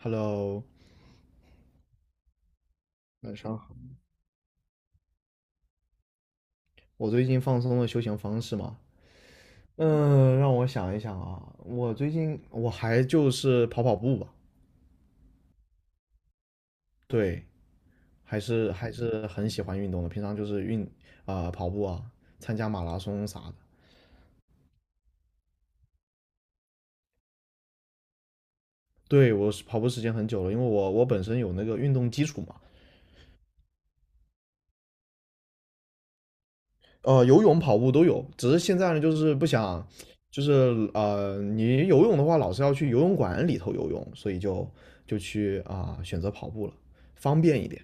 Hello，晚上好，我最近放松的休闲方式嘛，让我想一想啊，我最近还就是跑跑步吧。对，还是很喜欢运动的，平常就是跑步啊，参加马拉松啥的。对，我是跑步时间很久了，因为我本身有那个运动基础嘛。游泳、跑步都有，只是现在呢就是不想，你游泳的话老是要去游泳馆里头游泳，所以就选择跑步了，方便一点。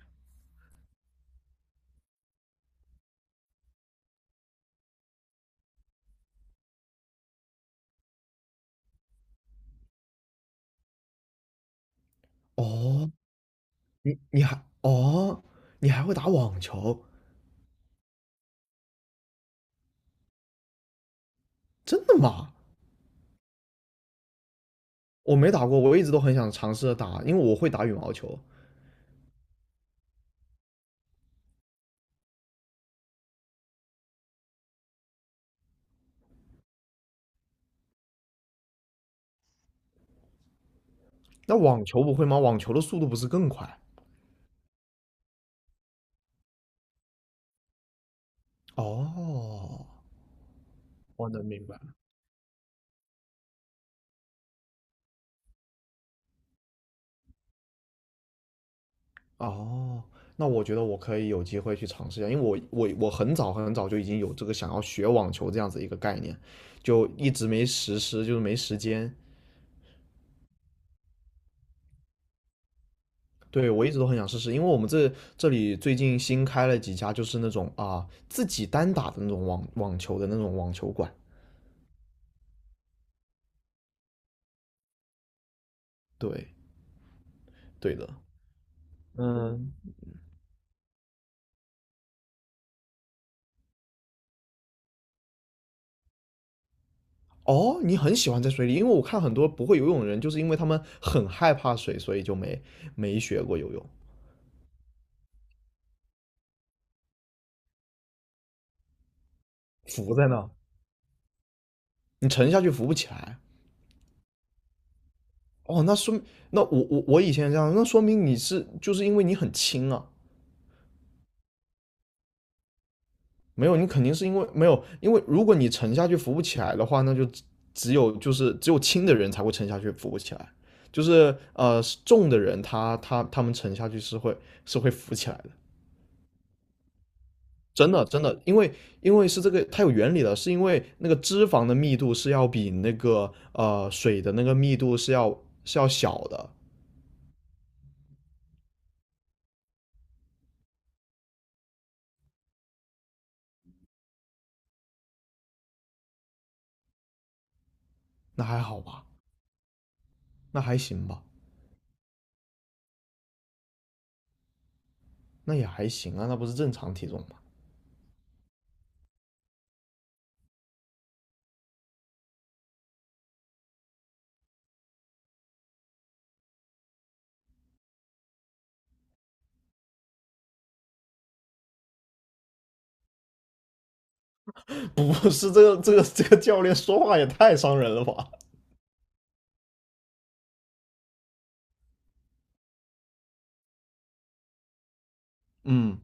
哦，你你还哦，你还会打网球？真的吗？我没打过，我一直都很想尝试着打，因为我会打羽毛球。那网球不会吗？网球的速度不是更快？哦，我能明白。哦，那我觉得我可以有机会去尝试一下，因为我很早很早就已经有这个想要学网球这样子一个概念，就一直没实施，就是没时间。对，我一直都很想试试，因为我们这里最近新开了几家，就是那种啊自己单打的那种网球馆。对，对的。嗯。哦，你很喜欢在水里，因为我看很多不会游泳的人，就是因为他们很害怕水，所以就没学过游泳。浮在那，你沉下去浮不起来。哦，那说明那我以前这样，那说明你是就是因为你很轻啊。没有，你肯定是因为没有，因为如果你沉下去浮不起来的话，那就只有就是只有轻的人才会沉下去浮不起来，就是重的人他们沉下去是会浮起来的。真的真的，因为是这个它有原理的，是因为那个脂肪的密度是要比那个水的那个密度是要小的。那还好吧，那还行吧。那也还行啊，那不是正常体重吗？不是这个教练说话也太伤人了吧？嗯，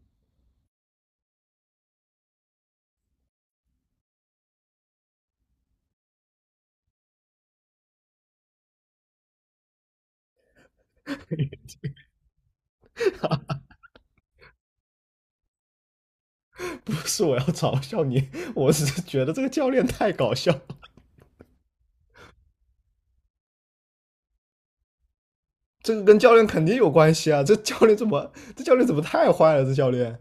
不是我要嘲笑你，我只是觉得这个教练太搞笑。这个跟教练肯定有关系啊！这教练怎么，这教练怎么太坏了？这教练，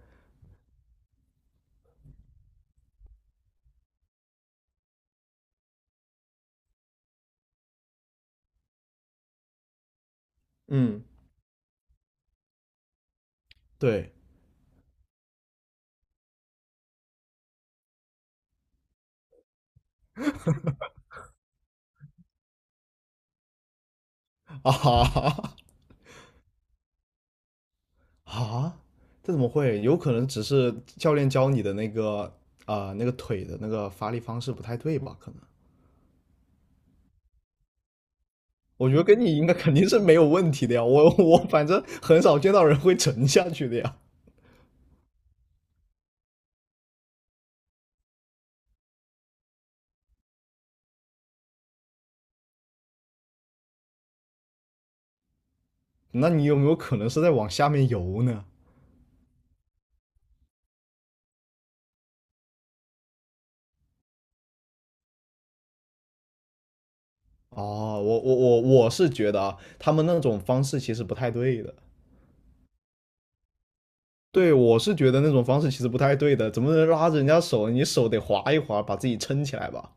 嗯，对。 啊啊，这怎么会？有可能只是教练教你的那个那个腿的那个发力方式不太对吧？可能我觉得跟你应该肯定是没有问题的呀，我反正很少见到人会沉下去的呀。那你有没有可能是在往下面游呢？哦，我是觉得啊，他们那种方式其实不太对的。对，我是觉得那种方式其实不太对的，怎么能拉着人家手？你手得划一划，把自己撑起来吧。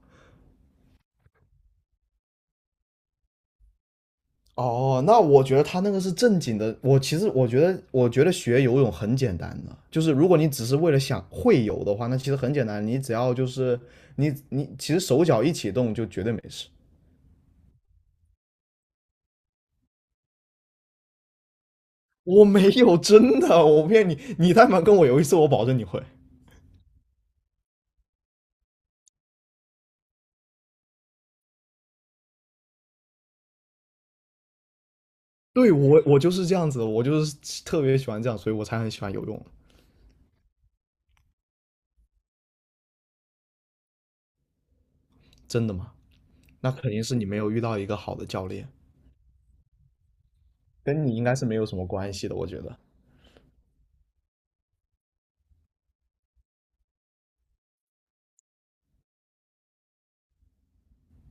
哦，那我觉得他那个是正经的。我觉得学游泳很简单的，就是如果你只是为了想会游的话，那其实很简单，你只要就是你其实手脚一起动就绝对没事。我没有，真的，我骗你，你但凡跟我游一次，我保证你会。对，我就是这样子，我就是特别喜欢这样，所以我才很喜欢游泳。真的吗？那肯定是你没有遇到一个好的教练，跟你应该是没有什么关系的，我觉得。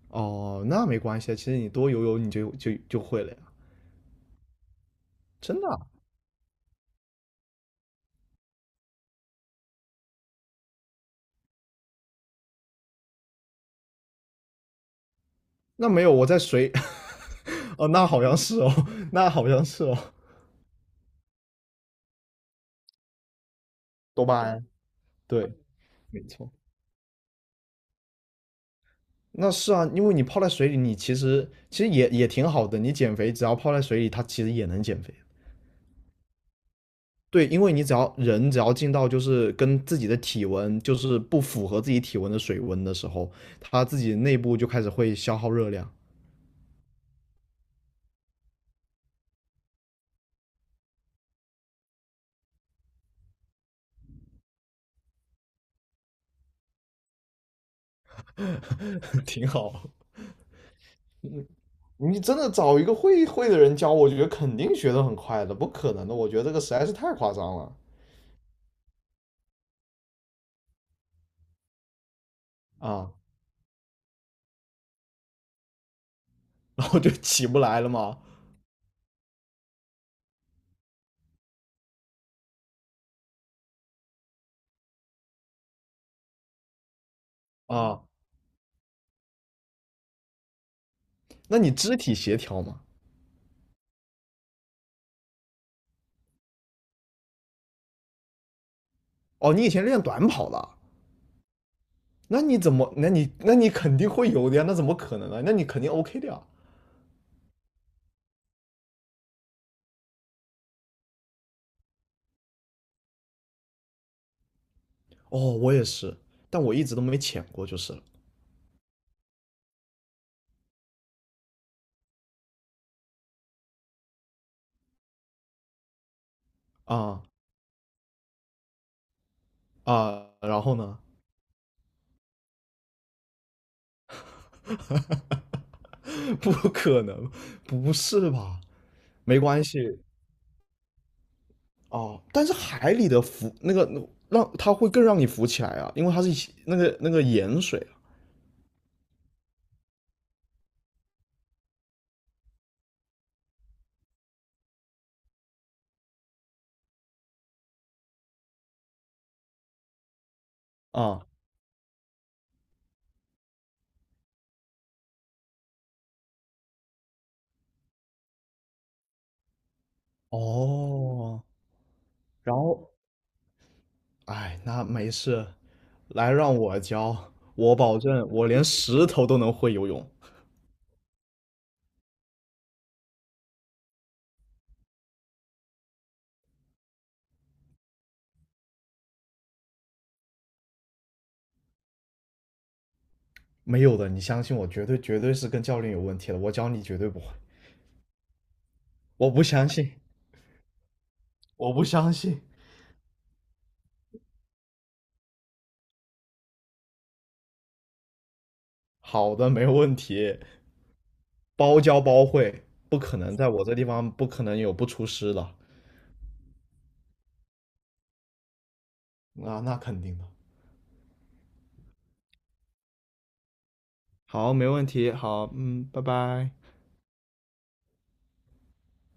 哦，那没关系啊，其实你多游游你就会了呀。真的啊，那没有，我在水，哦，那好像是哦，那好像是哦。多巴胺，对，没错。那是啊，因为你泡在水里，你其实也挺好的。你减肥，只要泡在水里，它其实也能减肥。对，因为你只要人只要进到就是跟自己的体温就是不符合自己体温的水温的时候，他自己内部就开始会消耗热量。挺好。嗯，你真的找一个会会的人教，我觉得肯定学得很快的，不可能的。我觉得这个实在是太夸张了。啊，然后就起不来了嘛。啊。那你肢体协调嘛？哦，你以前练短跑的，那你怎么？那你肯定会有的呀，那怎么可能呢？那你肯定 OK 的呀。哦，我也是，但我一直都没潜过，就是了。啊啊，然后呢？不可能，不是吧？没关系。哦，但是海里的浮那个让它会更让你浮起来啊，因为它是一那个盐水啊。啊。哦，然后哎，那没事，来让我教，我保证我连石头都能会游泳。没有的，你相信我，绝对绝对是跟教练有问题了，我教你绝对不会。我不相信，我不相信。好的，没问题，包教包会，不可能在我这地方不可能有不出师的。啊，那肯定的。好，没问题。好，嗯，拜拜。